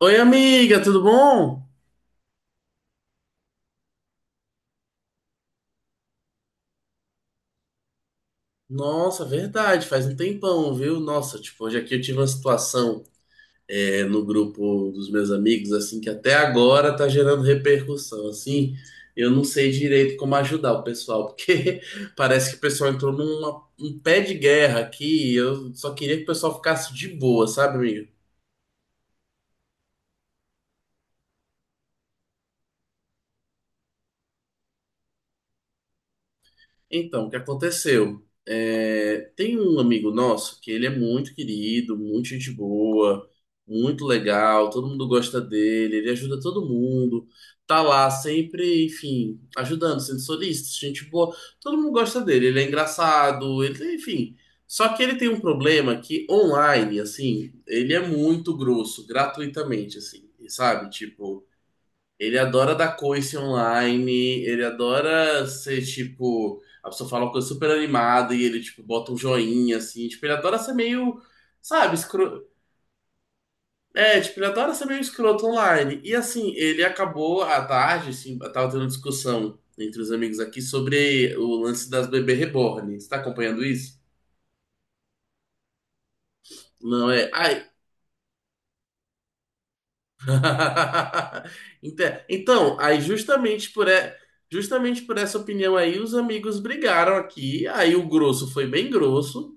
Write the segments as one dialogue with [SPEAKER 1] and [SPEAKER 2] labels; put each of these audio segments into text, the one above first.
[SPEAKER 1] Oi, amiga, tudo bom? Nossa, verdade, faz um tempão, viu? Nossa, tipo, hoje aqui eu tive uma situação no grupo dos meus amigos, assim, que até agora tá gerando repercussão, assim. Eu não sei direito como ajudar o pessoal, porque parece que o pessoal entrou num pé de guerra aqui e eu só queria que o pessoal ficasse de boa, sabe, amiga? Então, o que aconteceu? É, tem um amigo nosso que ele é muito querido, muito gente boa, muito legal, todo mundo gosta dele, ele ajuda todo mundo, tá lá sempre, enfim, ajudando, sendo solícito, gente boa, todo mundo gosta dele, ele é engraçado, ele, enfim. Só que ele tem um problema que online, assim, ele é muito grosso, gratuitamente, assim, sabe? Tipo. Ele adora dar coice online, ele adora ser tipo. A pessoa fala uma coisa super animada e ele, tipo, bota um joinha, assim. Tipo, ele adora ser meio. Sabe, escro... É, tipo, ele adora ser meio escroto online. E assim, ele acabou à tarde, assim, tava tendo uma discussão entre os amigos aqui sobre o lance das bebê reborn. Você tá acompanhando isso? Não é. Ah, Então, aí justamente por, e- justamente por essa opinião aí, os amigos brigaram aqui, aí o grosso foi bem grosso,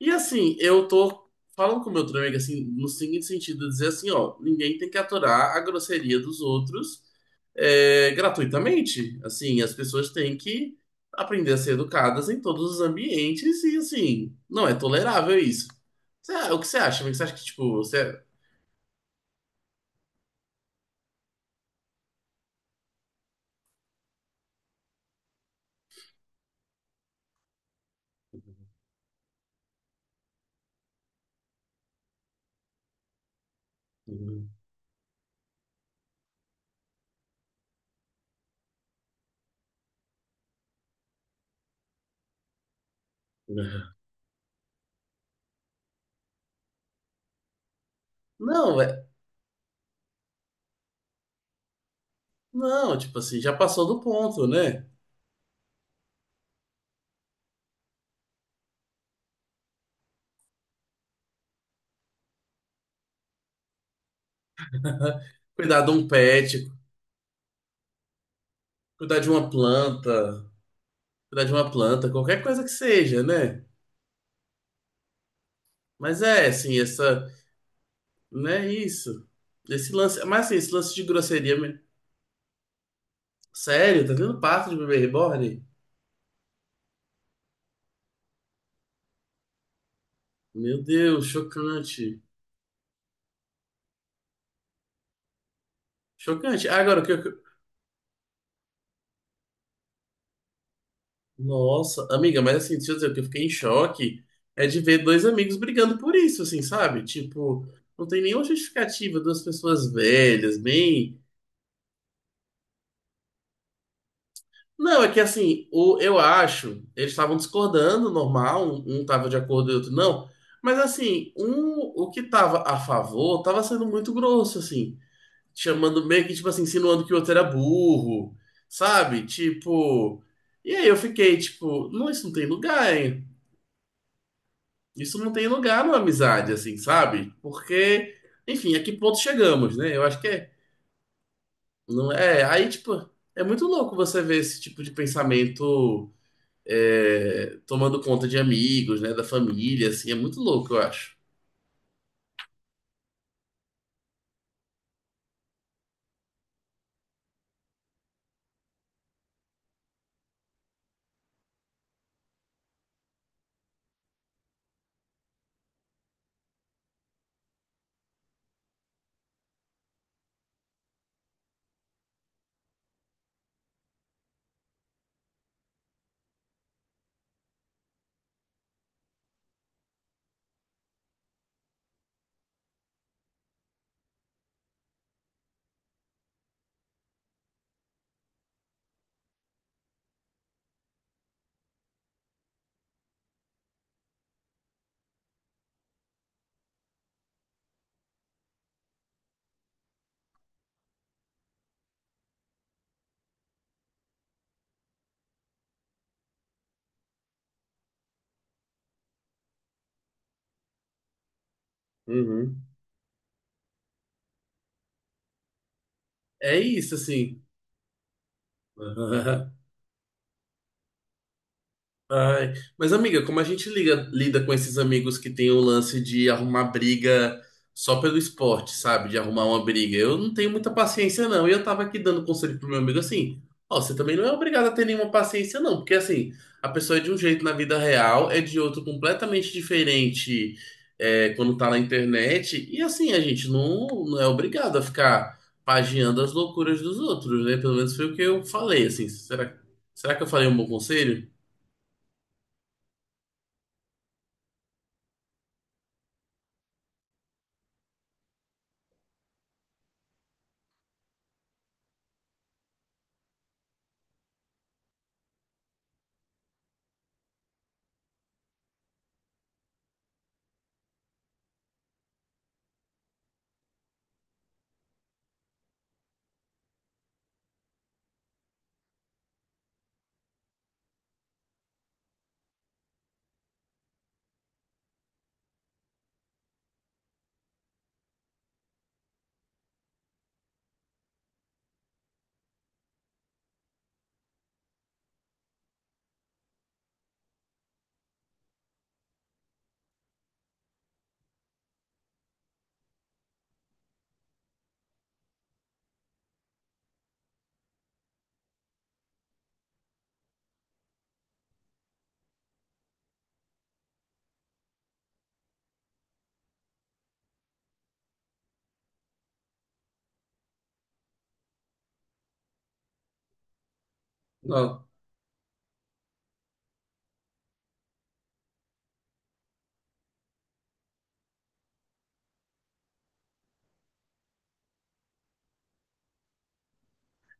[SPEAKER 1] e assim, eu tô falando com o meu outro amigo, assim, no seguinte sentido, dizer assim, ó, ninguém tem que aturar a grosseria dos outros gratuitamente, assim, as pessoas têm que aprender a ser educadas em todos os ambientes, e assim, não é tolerável isso. O que você acha, amigo? Você acha que, tipo, você... Não, é, não, tipo assim, já passou do ponto, né? Cuidar de um pet, cuidar de uma planta, cuidar de uma planta, qualquer coisa que seja, né? Mas é, assim, essa, né, isso. Esse lance, mas assim, esse lance de grosseria, sério, tá tendo parto de bebê reborn? Meu Deus, chocante. Chocante. Agora, o que eu... Nossa, amiga, mas assim, deixa eu dizer, o que eu fiquei em choque é de ver dois amigos brigando por isso, assim, sabe? Tipo, não tem nenhuma justificativa, duas pessoas velhas, bem... Não, é que assim, o, eu acho, eles estavam discordando, normal, um tava de acordo e outro não. Mas assim, um, o que tava a favor tava sendo muito grosso, assim, chamando meio que, tipo assim, insinuando que o outro era burro, sabe? Tipo. E aí eu fiquei, tipo, não, isso não tem lugar, hein? Isso não tem lugar numa amizade, assim, sabe? Porque, enfim, a que ponto chegamos, né? Eu acho que é. Não é. Aí, tipo, é muito louco você ver esse tipo de pensamento tomando conta de amigos, né, da família, assim, é muito louco, eu acho. Uhum. É isso, assim. Ai, mas amiga, como a gente lida com esses amigos que tem o lance de arrumar briga só pelo esporte, sabe? De arrumar uma briga. Eu não tenho muita paciência, não. E eu tava aqui dando conselho pro meu amigo assim: ó, você também não é obrigado a ter nenhuma paciência, não. Porque assim, a pessoa é de um jeito na vida real, é de outro completamente diferente quando tá na internet. E assim, a gente não é obrigado a ficar pagiando as loucuras dos outros, né? Pelo menos foi o que eu falei, assim. Será, será que eu falei um bom conselho?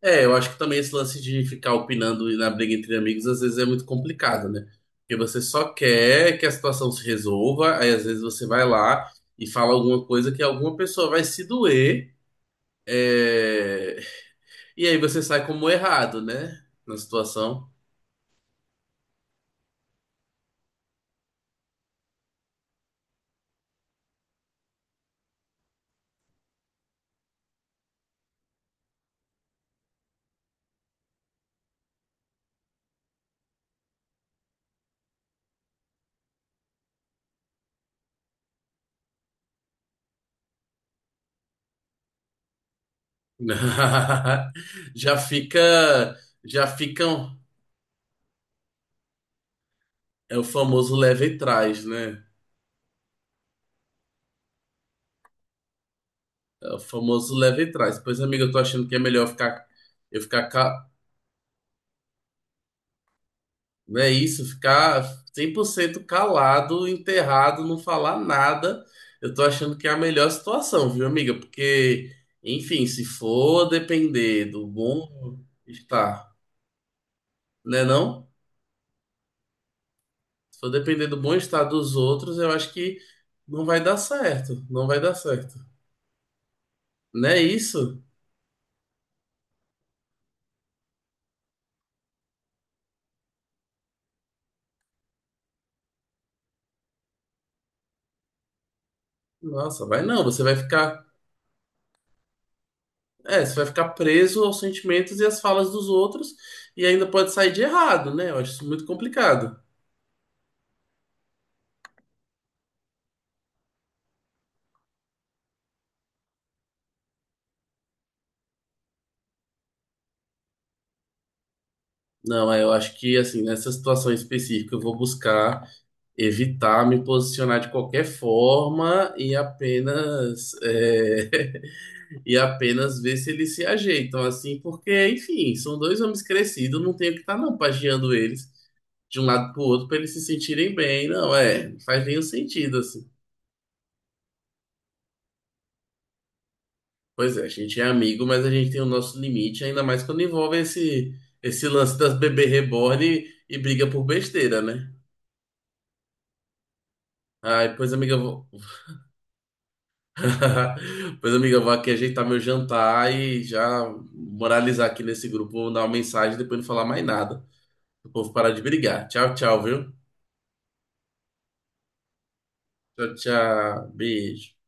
[SPEAKER 1] É, eu acho que também esse lance de ficar opinando na briga entre amigos às vezes é muito complicado, né? Porque você só quer que a situação se resolva, aí às vezes você vai lá e fala alguma coisa que alguma pessoa vai se doer, é, e aí você sai como errado, né? Na situação. Já fica, já ficam, é o famoso leva e traz, né? É o famoso leva e traz. Pois, amigo, eu tô achando que é melhor eu ficar, eu ficar ca- não é isso, ficar 100% calado, enterrado, não falar nada. Eu tô achando que é a melhor situação, viu, amiga? Porque, enfim, se for depender do bom estar, né, não? Se for depender do bom estar dos outros, eu acho que não vai dar certo, não vai dar certo. Não é isso? Nossa, vai não, você vai ficar, é, você vai ficar preso aos sentimentos e às falas dos outros e ainda pode sair de errado, né? Eu acho isso muito complicado. Não, é, eu acho que assim, nessa situação específica, eu vou buscar evitar me posicionar de qualquer forma e apenas e apenas ver se eles se ajeitam, assim, porque, enfim, são dois homens crescidos, não tenho que estar não pagiando eles de um lado pro outro para eles se sentirem bem, não, é, não faz nenhum sentido, assim. Pois é, a gente é amigo, mas a gente tem o nosso limite, ainda mais quando envolve esse, esse lance das bebê reborn e briga por besteira, né? Ai, pois, amiga, eu vou. Pois, amiga, eu vou aqui ajeitar meu jantar e já moralizar aqui nesse grupo, vou mandar uma mensagem e depois não falar mais nada. O povo parar de brigar. Tchau, tchau, viu? Tchau, tchau. Beijo.